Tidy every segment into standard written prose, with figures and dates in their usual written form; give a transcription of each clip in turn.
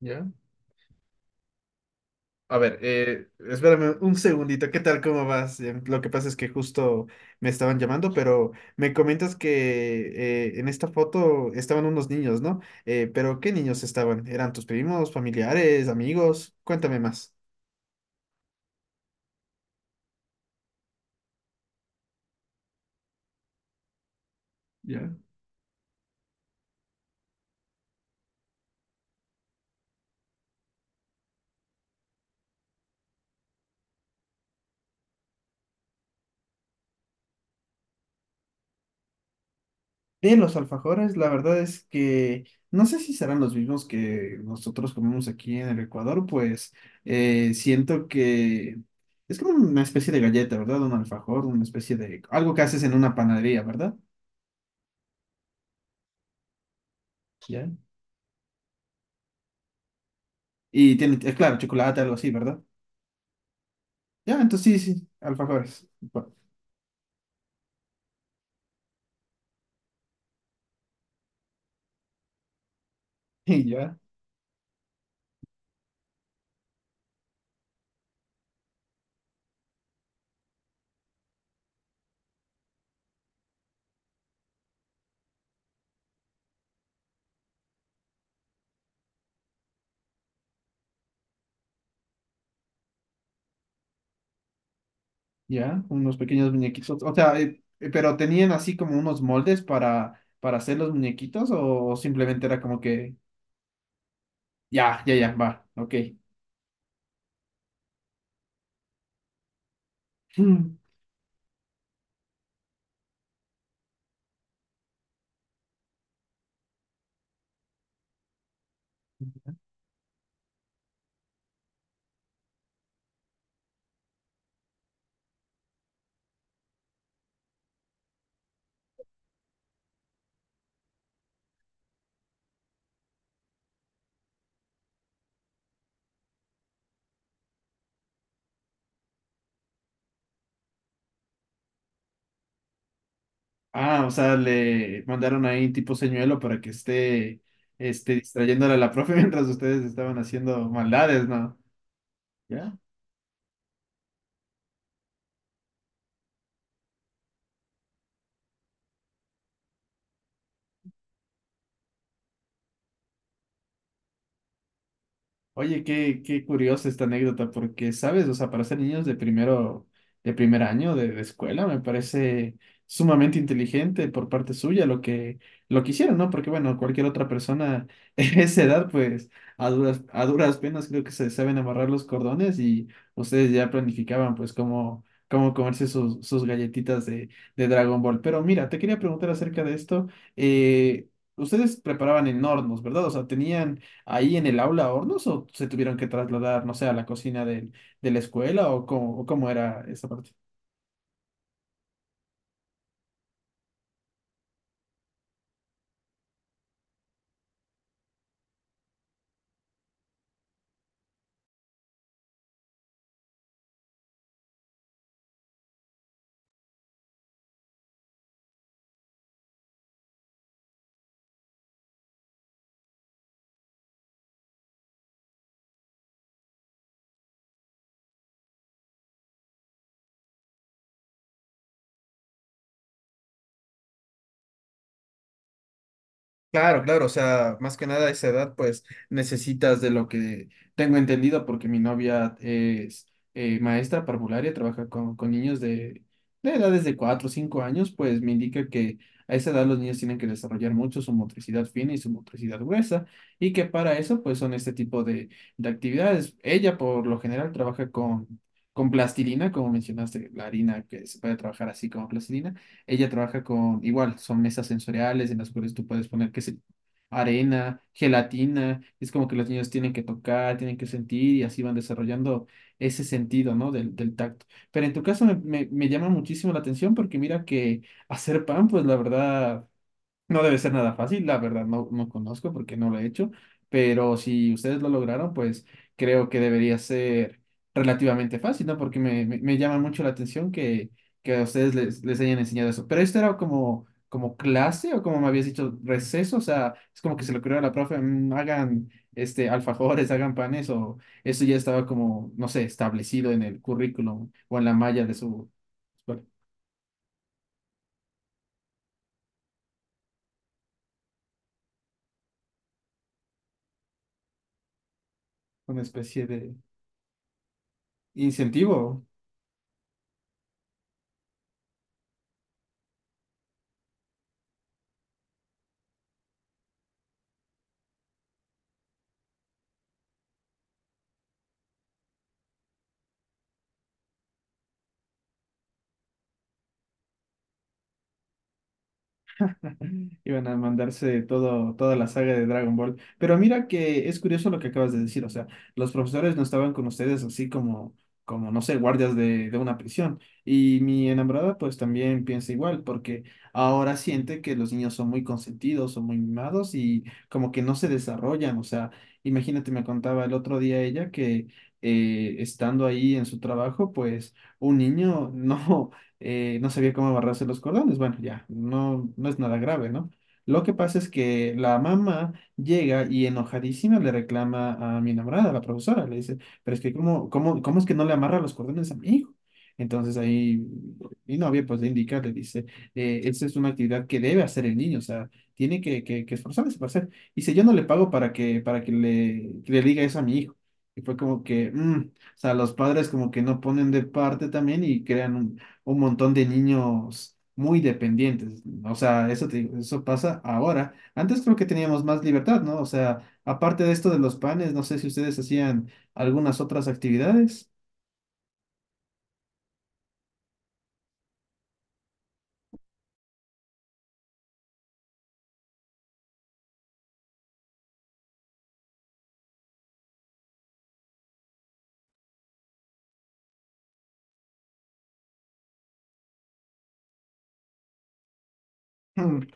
¿Ya? A ver, espérame un segundito, ¿qué tal? ¿Cómo vas? Lo que pasa es que justo me estaban llamando, pero me comentas que en esta foto estaban unos niños, ¿no? Pero ¿qué niños estaban? ¿Eran tus primos, familiares, amigos? Cuéntame más. Ya. De los alfajores, la verdad es que no sé si serán los mismos que nosotros comemos aquí en el Ecuador, pues siento que es como una especie de galleta, ¿verdad? Un alfajor, una especie de algo que haces en una panadería, ¿verdad? Ya. Y tiene, claro, chocolate, algo así, ¿verdad? Ya, entonces sí, sí, alfajores. Y ya, ya, unos pequeños muñequitos. O sea, pero tenían así como unos moldes para hacer los muñequitos o simplemente era como que, ya, ya, ya, va, ok. Ah, o sea, le mandaron ahí tipo señuelo para que esté, distrayéndole a la profe mientras ustedes estaban haciendo maldades, ¿no? ¿Ya? Oye, qué curiosa esta anécdota, porque, ¿sabes? O sea, para ser niños de primero, de primer año de escuela, me parece sumamente inteligente por parte suya lo que hicieron, ¿no? Porque, bueno, cualquier otra persona en esa edad, pues, a duras penas creo que se saben amarrar los cordones y ustedes ya planificaban, pues, cómo comerse sus galletitas de Dragon Ball. Pero mira, te quería preguntar acerca de esto. eh, ustedes preparaban en hornos, ¿verdad? O sea, ¿tenían ahí en el aula a hornos o se tuvieron que trasladar, no sé, a la cocina de la escuela o cómo era esa parte? Claro, claro, o sea, más que nada a esa edad, pues necesitas de lo que tengo entendido, porque mi novia es maestra parvularia, trabaja con niños de edades de 4 o 5 años, pues me indica que a esa edad los niños tienen que desarrollar mucho su motricidad fina y su motricidad gruesa, y que para eso, pues son este tipo de actividades. Ella, por lo general, trabaja con plastilina, como mencionaste, la harina que se puede trabajar así como plastilina ella trabaja con, igual, son mesas sensoriales en las cuales tú puedes poner, qué sé, arena, gelatina. Es como que los niños tienen que tocar, tienen que sentir y así van desarrollando ese sentido, ¿no? Del tacto. Pero en tu caso me llama muchísimo la atención porque mira que hacer pan, pues la verdad. No debe ser nada fácil, la verdad no conozco porque no lo he hecho, pero si ustedes lo lograron, pues creo que debería ser relativamente fácil, ¿no? Porque me llama mucho la atención que a ustedes les hayan enseñado eso. Pero esto era como clase o como me habías dicho, receso, o sea, es como que se le ocurrió a la profe, "Mm, hagan alfajores, hagan panes, o eso ya estaba como, no sé, establecido en el currículum o en la malla de su, escuela, una especie de incentivo. Iban a mandarse todo, toda la saga de Dragon Ball. Pero mira que es curioso lo que acabas de decir. O sea, los profesores no estaban con ustedes así como no sé, guardias de una prisión. Y mi enamorada pues también piensa igual, porque ahora siente que los niños son muy consentidos, son muy mimados y como que no se desarrollan. O sea, imagínate, me contaba el otro día ella que estando ahí en su trabajo, pues un niño no sabía cómo amarrarse los cordones. Bueno, ya, no es nada grave, ¿no? Lo que pasa es que la mamá llega y enojadísima le reclama a mi enamorada, a la profesora, le dice, pero es que cómo es que no le amarra los cordones a mi hijo. Entonces ahí mi novia pues le indica, le dice, esa es una actividad que debe hacer el niño, o sea, tiene que esforzarse para hacer. Dice, yo no le pago para que que le diga eso a mi hijo. Y fue como que, o sea, los padres como que no ponen de parte también y crean un montón de niños muy dependientes. O sea, eso, te digo, eso pasa ahora. Antes creo que teníamos más libertad, ¿no? O sea, aparte de esto de los panes, no sé si ustedes hacían algunas otras actividades.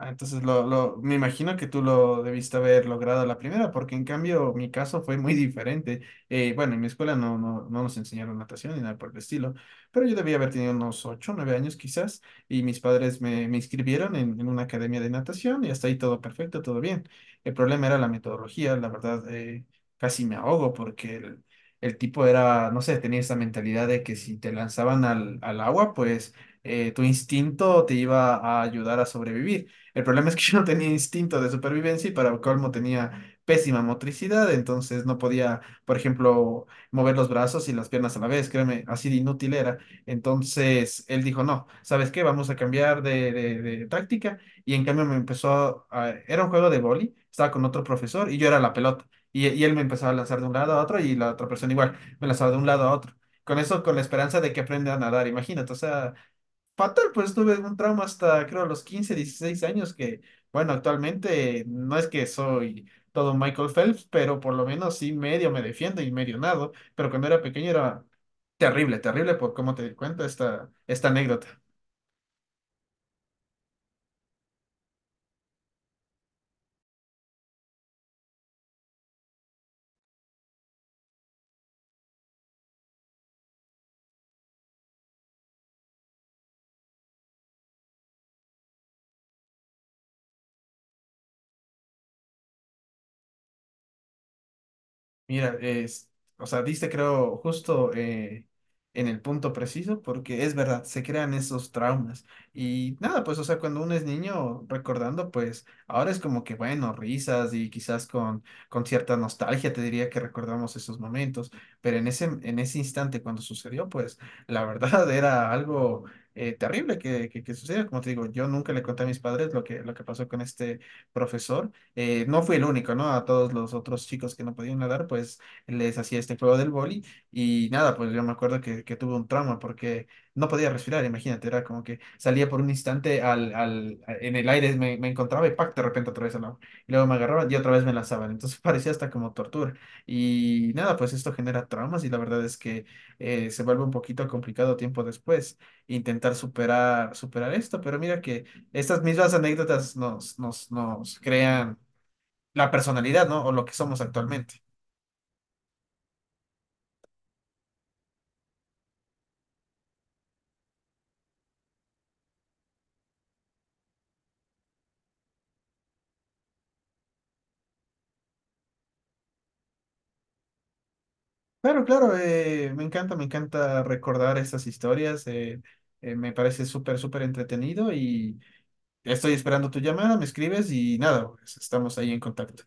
Ah, entonces me imagino que tú lo debiste haber logrado a la primera, porque en cambio mi caso fue muy diferente. Bueno, en mi escuela no nos enseñaron natación ni nada por el estilo, pero yo debía haber tenido unos 8, 9 años quizás, y mis padres me inscribieron en una academia de natación y hasta ahí todo perfecto, todo bien. El problema era la metodología, la verdad, casi me ahogo porque el tipo era, no sé, tenía esa mentalidad de que si te lanzaban al agua, pues tu instinto te iba a ayudar a sobrevivir. El problema es que yo no tenía instinto de supervivencia y para colmo tenía pésima motricidad, entonces no podía, por ejemplo, mover los brazos y las piernas a la vez, créeme, así de inútil era. Entonces él dijo, no, ¿sabes qué? Vamos a cambiar de táctica y en cambio me empezó a. Era un juego de boli, estaba con otro profesor y yo era la pelota. Y él me empezaba a lanzar de un lado a otro y la otra persona igual, me lanzaba de un lado a otro. Con eso, con la esperanza de que aprenda a nadar, imagínate, o sea. Fatal, pues tuve un trauma hasta creo los 15, 16 años que, bueno, actualmente no es que soy todo Michael Phelps, pero por lo menos sí medio me defiendo y medio nado, pero cuando era pequeño era terrible, terrible por cómo te cuento esta anécdota. Mira, es, o sea, diste creo justo en el punto preciso, porque es verdad, se crean esos traumas. Y nada, pues, o sea, cuando uno es niño recordando, pues ahora es como que, bueno, risas y quizás con cierta nostalgia te diría que recordamos esos momentos, pero en ese instante cuando sucedió, pues la verdad era algo terrible que sucedió. Como te digo, yo nunca le conté a mis padres lo que pasó con este profesor. No fui el único, ¿no? A todos los otros chicos que no podían nadar, pues les hacía este juego del boli y nada, pues yo me acuerdo que tuve un trauma porque no podía respirar, imagínate, era como que salía por un instante en el aire, me encontraba y ¡pac! De repente otra vez al agua. Y luego me agarraban y otra vez me lanzaban, entonces parecía hasta como tortura. Y nada, pues esto genera traumas y la verdad es que se vuelve un poquito complicado tiempo después intentar superar, superar esto, pero mira que estas mismas anécdotas nos crean la personalidad, ¿no? O lo que somos actualmente. Claro, claro, me encanta recordar estas historias, me parece súper, súper entretenido y estoy esperando tu llamada, me escribes y nada, pues, estamos ahí en contacto.